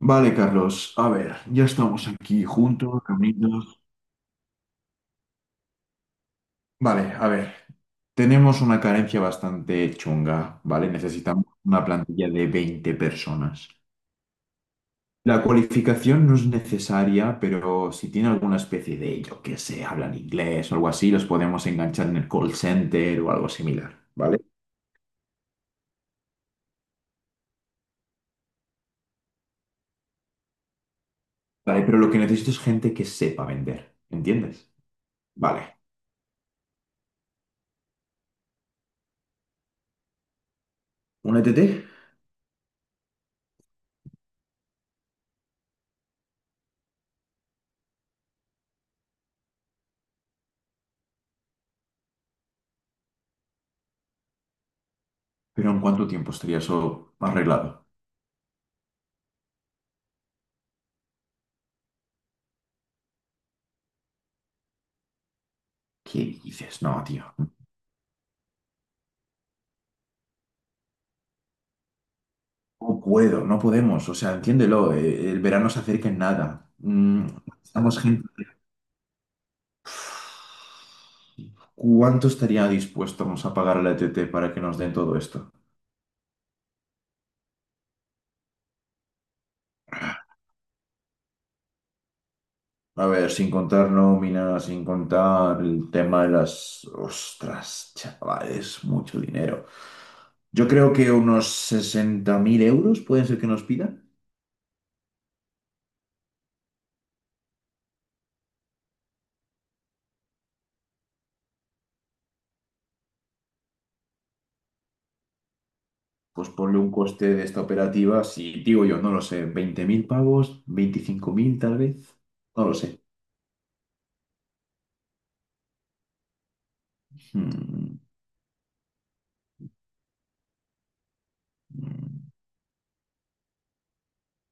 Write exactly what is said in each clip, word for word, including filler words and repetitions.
Vale, Carlos, a ver, ya estamos aquí juntos, reunidos. Vale, a ver, tenemos una carencia bastante chunga, ¿vale? Necesitamos una plantilla de veinte personas. La cualificación no es necesaria, pero si tiene alguna especie de, yo que sé, hablan inglés o algo así, los podemos enganchar en el call center o algo similar, ¿vale? Vale, pero lo que necesito es gente que sepa vender, ¿entiendes? Vale, un E T? T, pero ¿en cuánto tiempo estaría eso arreglado? ¿Qué dices? No, tío. No puedo, no podemos, o sea, entiéndelo, eh, el verano se acerca en nada. Mm, estamos gente. ¿Cuánto estaría dispuestos a pagar a la E T T para que nos den todo esto? A ver, sin contar nómina, sin contar el tema de las. Ostras, chavales, mucho dinero. Yo creo que unos sesenta mil euros pueden ser que nos pidan. Pues ponle un coste de esta operativa, si digo yo, no lo sé, veinte mil pavos, veinticinco mil tal vez, no lo sé. Hmm.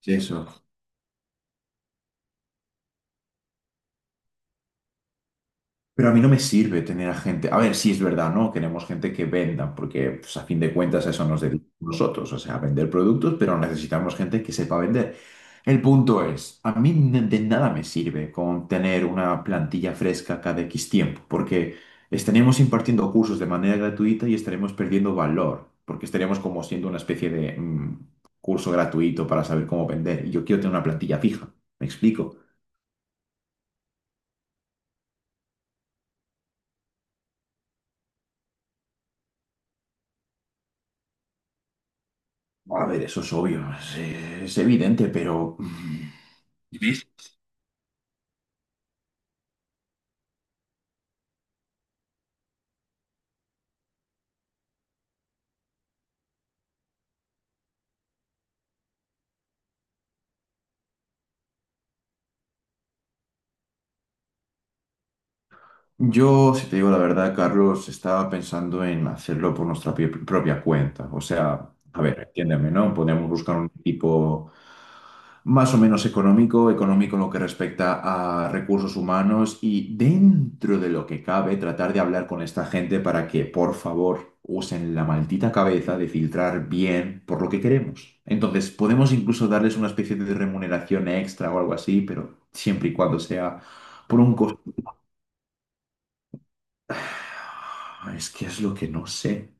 Sí, eso. Pero a mí no me sirve tener a gente. A ver, sí es verdad, ¿no? Queremos gente que venda, porque pues, a fin de cuentas a eso nos dedicamos nosotros, o sea, a vender productos, pero necesitamos gente que sepa vender. El punto es, a mí n- de nada me sirve con tener una plantilla fresca cada X tiempo, porque estaremos impartiendo cursos de manera gratuita y estaremos perdiendo valor, porque estaremos como siendo una especie de mm, curso gratuito para saber cómo vender. Y yo quiero tener una plantilla fija, ¿me explico? A ver, eso es obvio, es, es evidente, pero mm, yo, si te digo la verdad, Carlos, estaba pensando en hacerlo por nuestra pi- propia cuenta. O sea, a ver, entiéndeme, ¿no? Podemos buscar un equipo más o menos económico, económico en lo que respecta a recursos humanos y dentro de lo que cabe, tratar de hablar con esta gente para que, por favor, usen la maldita cabeza de filtrar bien por lo que queremos. Entonces, podemos incluso darles una especie de remuneración extra o algo así, pero siempre y cuando sea por un coste. Ah, Es que es lo que no sé.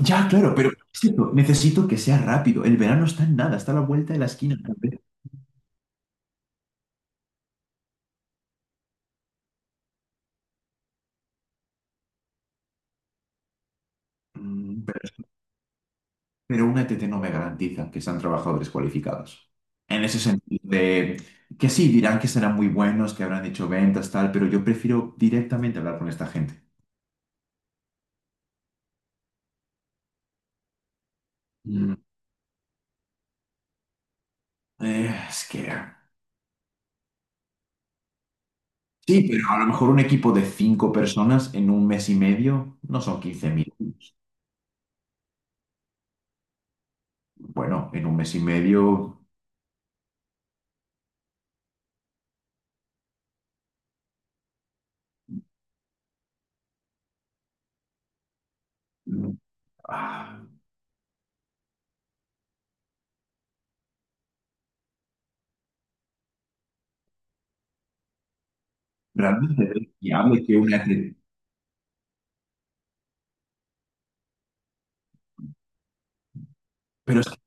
Ya, claro, pero es cierto, necesito que sea rápido. El verano está en nada, está a la vuelta de la esquina. Mm, Pero pero una E T T no me garantiza que sean trabajadores cualificados. En ese sentido, de que sí, dirán que serán muy buenos, que habrán hecho ventas, tal, pero yo prefiero directamente hablar con esta gente. Mm, eh, es que. Sí, pero a lo mejor un equipo de cinco personas en un mes y medio no son quince mil. Bueno, en un mes y medio. mm, ah, Realmente es viable que una E T T. Pero es que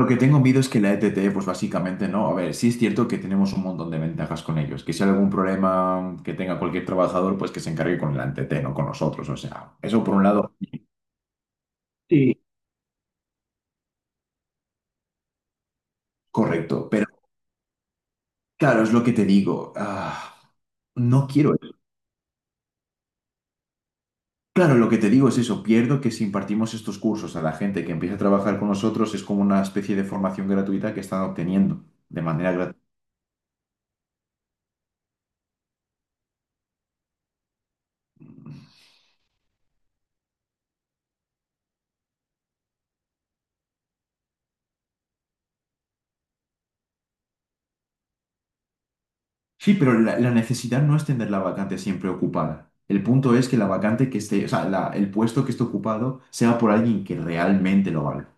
lo que tengo miedo es que la E T T, pues básicamente no. A ver, sí es cierto que tenemos un montón de ventajas con ellos. Que si hay algún problema que tenga cualquier trabajador, pues que se encargue con la E T T, no con nosotros. O sea, eso por un lado, sí, correcto. Pero claro, es lo que te digo. Ah, no quiero eso. Claro, lo que te digo es eso. Pierdo que si impartimos estos cursos a la gente que empieza a trabajar con nosotros, es como una especie de formación gratuita que están obteniendo de manera gratuita. Sí, pero la, la necesidad no es tener la vacante siempre ocupada. El punto es que la vacante que esté, o sea, la- el puesto que esté ocupado sea por alguien que realmente lo valga.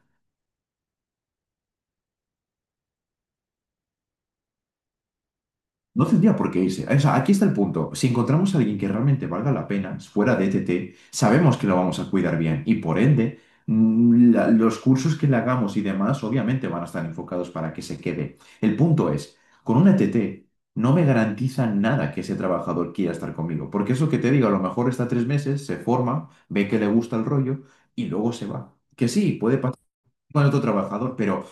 No tendría por qué irse. O sea, aquí está el punto. Si encontramos a alguien que realmente valga la pena, fuera de E T T, sabemos que lo vamos a cuidar bien y por ende, mm, la- los cursos que le hagamos y demás, obviamente van a estar enfocados para que se quede. El punto es, con un E T T no me garantiza nada que ese trabajador quiera estar conmigo, porque eso que te digo, a lo mejor está tres meses, se forma, ve que le gusta el rollo y luego se va. Que sí, puede pasar con otro trabajador, pero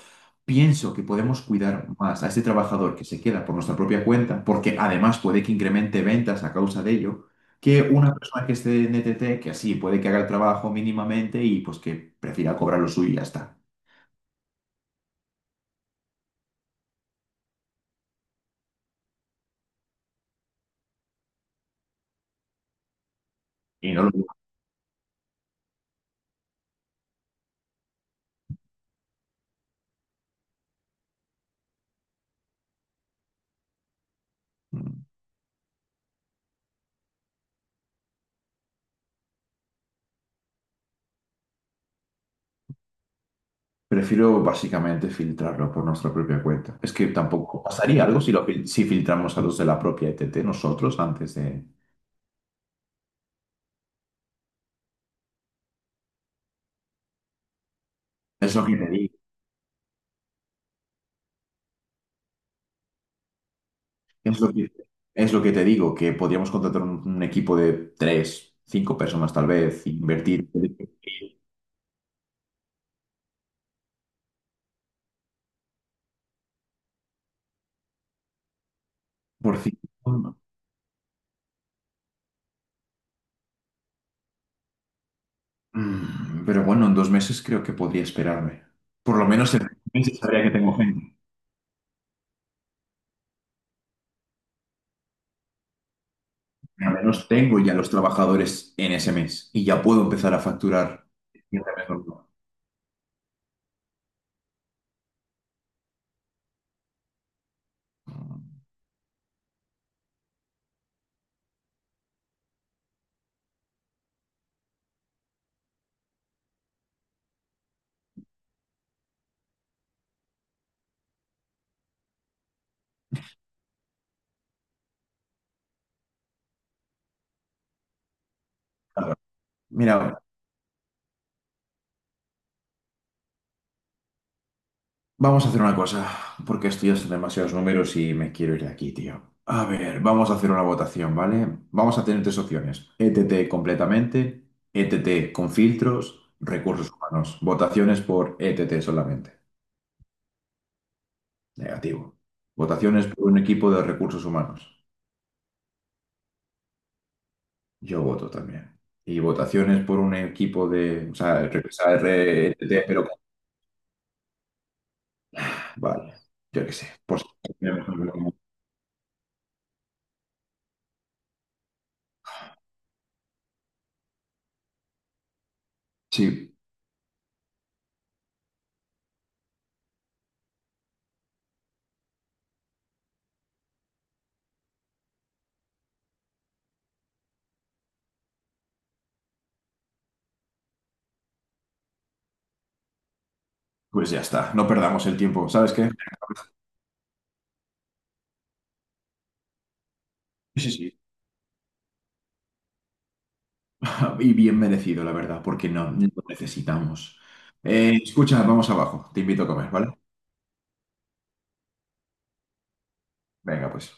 pienso que podemos cuidar más a este trabajador que se queda por nuestra propia cuenta, porque además puede que incremente ventas a causa de ello, que una persona que esté en E T T, que así puede que haga el trabajo mínimamente y pues que prefiera cobrar lo suyo y ya está. Y no lo. Prefiero básicamente filtrarlo por nuestra propia cuenta. Es que tampoco pasaría algo si, lo, fil- si filtramos a los de la propia E T T nosotros antes de. Es lo que te digo. Es lo que, es lo que te digo, que podríamos contratar un, un equipo de tres, cinco personas tal vez, invertir por cinco. Mm, Pero bueno, en dos meses creo que podría esperarme. Por lo menos en dos meses sabría que tengo gente. Al menos tengo ya los trabajadores en ese mes y ya puedo empezar a facturar. Claro. Mira, vamos a hacer una cosa, porque esto ya son demasiados números y me quiero ir de aquí, tío. A ver, vamos a hacer una votación, ¿vale? Vamos a tener tres opciones. E T T completamente, E T T con filtros, recursos humanos. Votaciones por E T T solamente. Negativo. Votaciones por un equipo de recursos humanos. Yo voto también. Y votaciones por un equipo de. O sea, re- o sea, re- E T T, pero. con- Vale, yo qué sé. Pues. Sí, pues ya está. No perdamos el tiempo. ¿Sabes qué? Sí, sí. Y bien merecido, la verdad, porque no, no lo necesitamos. Eh, escucha, vamos abajo. Te invito a comer, ¿vale? Venga, pues.